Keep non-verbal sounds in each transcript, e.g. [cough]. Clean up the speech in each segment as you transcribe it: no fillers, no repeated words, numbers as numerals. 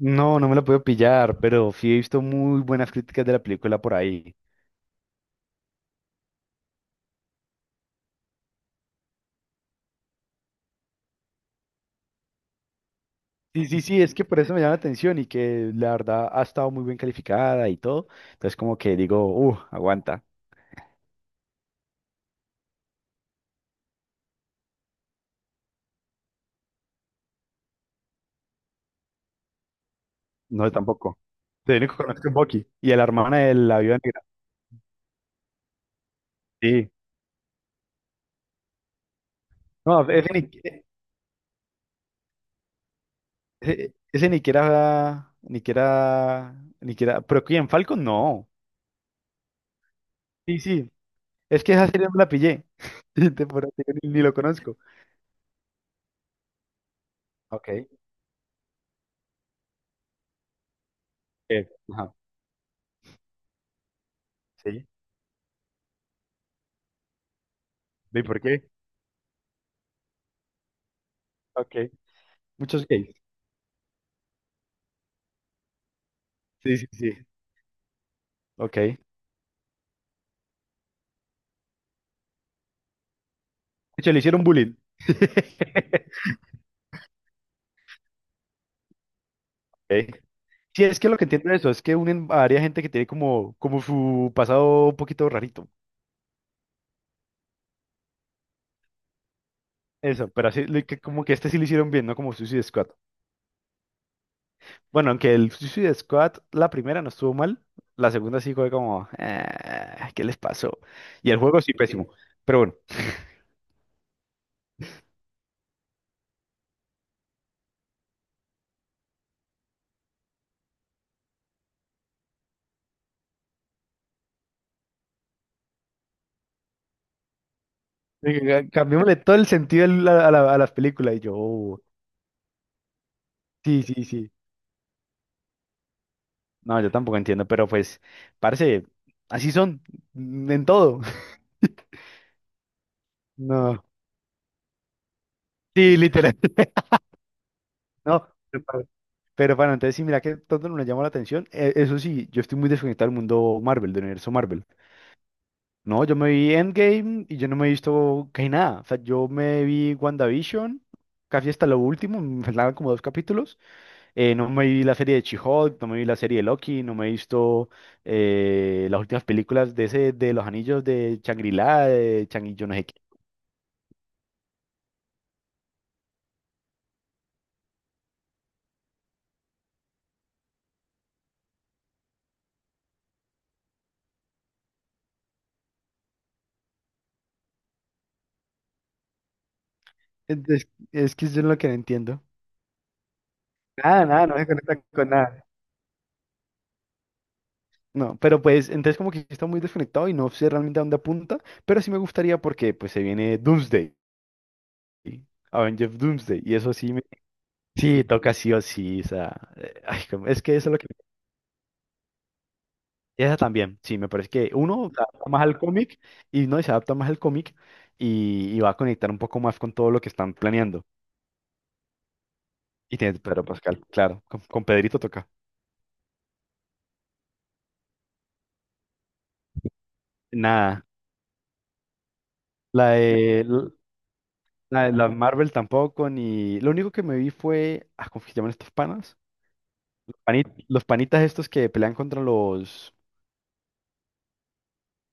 No, no me la puedo pillar, pero sí he visto muy buenas críticas de la película por ahí. Sí, sí, sí, es que por eso me llama la atención y que la verdad ha estado muy bien calificada y todo. Entonces como que digo, aguanta. No, yo tampoco. Te único que conozco es Bucky y a la hermana de la viuda negra. Sí. No, ese ni, ese ni que era, ni que era, ni que era, pero ¿quién? ¿Falcon? No. Sí, sí. Es que esa serie no me la pillé. [laughs] Te juro que ni lo conozco. Ok. Ajá. Sí. ¿Y por qué? Ok. Muchos gays. Sí, sí, sí. Ok. De hecho, le hicieron bullying. [laughs] Ok. Sí, es que lo que entiendo de eso es que unen a varias gente que tiene como su pasado un poquito rarito. Eso, pero así, que como que este sí lo hicieron bien, ¿no? Como Suicide Squad. Bueno, aunque el Suicide Squad, la primera no estuvo mal, la segunda sí fue como, "Ah, ¿qué les pasó? Y el juego sí pésimo. Pero bueno, [laughs] cambiémosle todo el sentido a a las películas. Y yo, "Oh, sí, sí, sí. No, yo tampoco entiendo, pero pues, parce, así son en todo. [laughs] No. Sí, literal. [laughs] No, pero pa- pero bueno, entonces sí, mira que tanto nos llamó la atención. Eso sí, yo estoy muy desconectado del mundo Marvel, del universo Marvel. No, yo me vi Endgame y yo no me he visto casi nada. O sea, yo me vi WandaVision, casi hasta lo último, [laughs] me faltaban como dos capítulos. No me vi la serie de She-Hulk, no me vi la serie de Loki, no me he visto las últimas películas de ese, de los anillos de Shangri-La, de Changi, yo no sé qué. Entonces, es que yo es lo que no entiendo. Nada, nada, no se conecta con nada. No, pero pues, entonces como que está muy desconectado y no sé realmente a dónde apunta, pero sí me gustaría porque pues se viene Doomsday, ¿sí? Avengers Doomsday, y eso sí, me... sí, toca sí o sí, o sea, ay, es que eso es lo que... Esa también, sí, me parece que uno se adapta más al cómic y no y se adapta más al cómic y va a conectar un poco más con todo lo que están planeando. Y tiene Pedro Pascal, claro, con Pedrito toca. Nada, la de, l- la de la Marvel tampoco, ni... Lo único que me vi fue, ah, ¿cómo que se llaman estos panas? Los panitas estos que pelean contra los...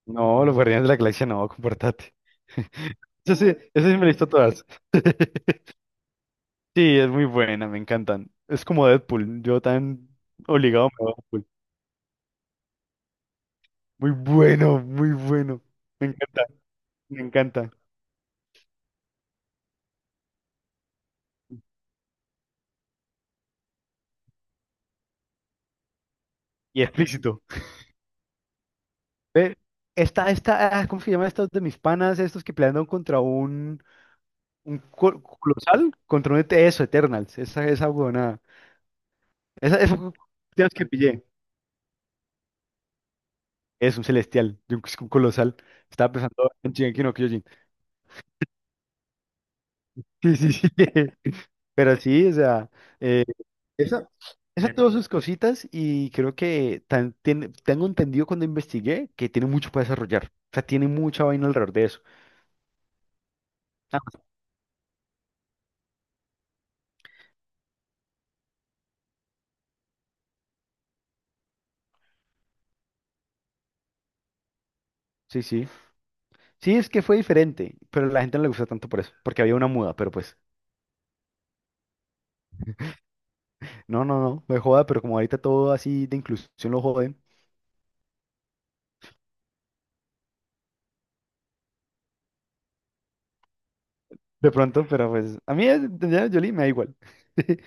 No, los Guardianes de la Galaxia, no, comportate. [laughs] Eso sí, eso sí me listo todas. [laughs] Sí, es muy buena, me encantan. Es como Deadpool, yo tan obligado me voy a Deadpool. Muy bueno, muy bueno. Me encanta, me encanta. Y explícito. Ve, esta, ah, ¿cómo se llama estos de mis panas? Estos que pelearon contra un, colosal, contra un ET, eso, Eternals. Esa huevonada. Esa fue de que pillé. Es un celestial, de un, es un colosal. Estaba pensando en Shingeki no Kyojin. [laughs] Sí, sí, sí. [laughs] Pero sí, o sea, Esa, esa dime Tuvo sus cositas y creo que tengo entendido cuando investigué que tiene mucho para desarrollar. O sea, tiene mucha vaina alrededor de eso. Ah, sí, sí. Sí, es que fue diferente, pero a la gente no le gusta tanto por eso, porque había una muda, pero pues, no, no, no, me joda, pero como ahorita todo así de inclusión lo joden, de pronto, pero pues, de Jolie me da igual. [laughs]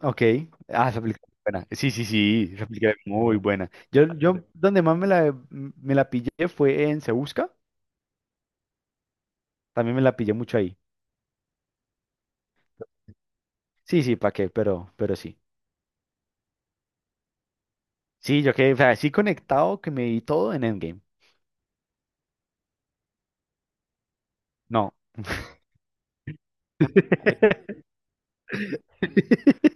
Ok, ah, esa película es buena. Sí, sí, sí, esa película es muy buena. Yo donde más me la pillé fue en Se Busca, también me la pillé mucho ahí. Sí, sí, ¿para qué? Pero sí. Sí, yo quedé, o sea, sí conectado que me di todo en Endgame. No. [laughs]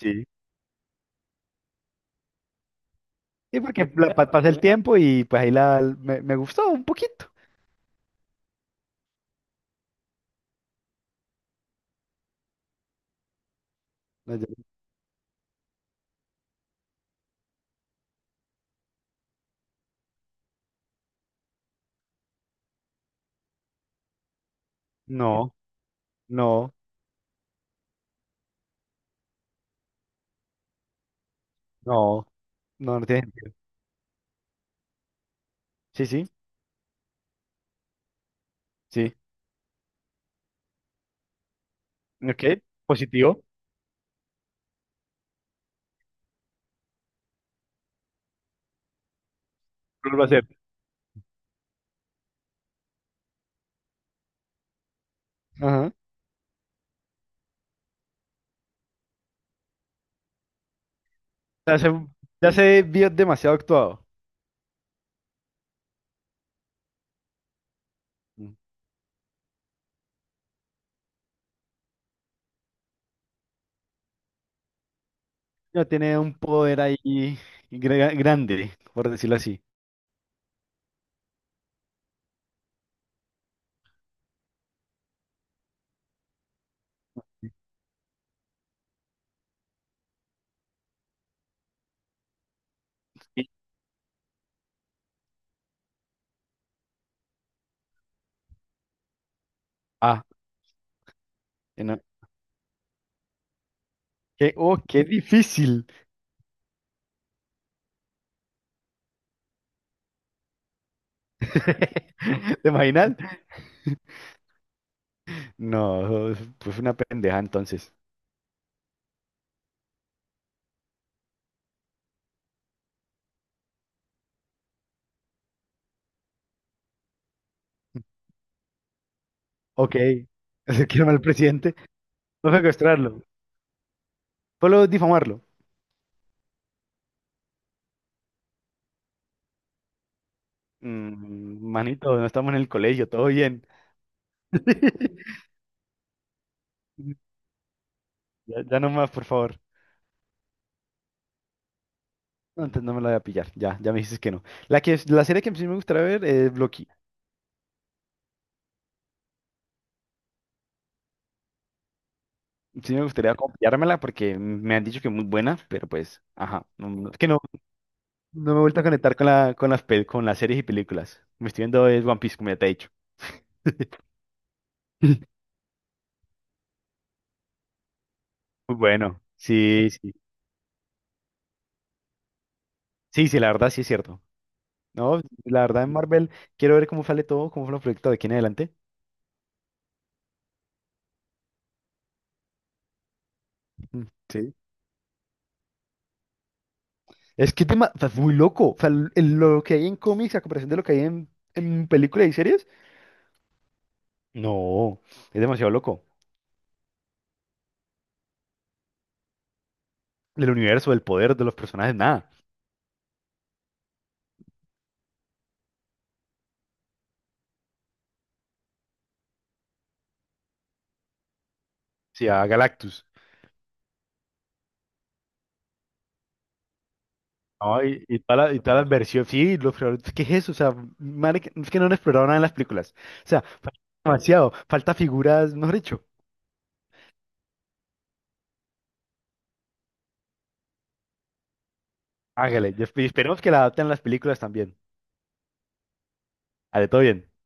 Sí. Sí, porque [laughs] pasé el tiempo y pues ahí me gustó un poquito. No, no, no, no, no tiene sentido. Sí, sí, sí. Ok, positivo. Lo va a hacer. Ajá. Ya se, ya se vio demasiado actuado. Mm. Ya tiene un poder ahí grande, por decirlo así. Sí. Ah, que no- que- oh, qué difícil. [laughs] ¿Te imaginas? No, fue una pendeja entonces. Ok, [laughs] quiero al presidente, no secuestrarlo, solo difamarlo. Mm, manito, no estamos en el colegio, todo bien. [laughs] Ya, ya no más, por favor. No, antes no me la voy a pillar, ya, ya me dices que no. La serie que sí me gustaría ver es Loki. Sí me gustaría copiármela porque me han dicho que es muy buena, pero pues, ajá, es que no, no me he vuelto a conectar con con con las series y películas. Me estoy viendo es One Piece, como ya te he dicho. Bueno, sí, sí. Sí, sí, la verdad sí es cierto. No, la verdad en Marvel quiero ver cómo sale todo, cómo fue el proyecto de aquí en adelante. Mm, sí. Es que tema, o sea, es muy loco. O sea, lo que hay en cómics a comparación de lo que hay en películas y series. No, es demasiado loco. El universo, el poder de los personajes, nada. Sí, a Galactus. No, y toda la toda la versión, sí, los, ¿qué es eso? O sea, es que no han explorado nada en las películas. O sea, falta demasiado, falta figuras, mejor dicho. Hágale, y y esperemos que la adapten a las películas también. Ale, todo bien.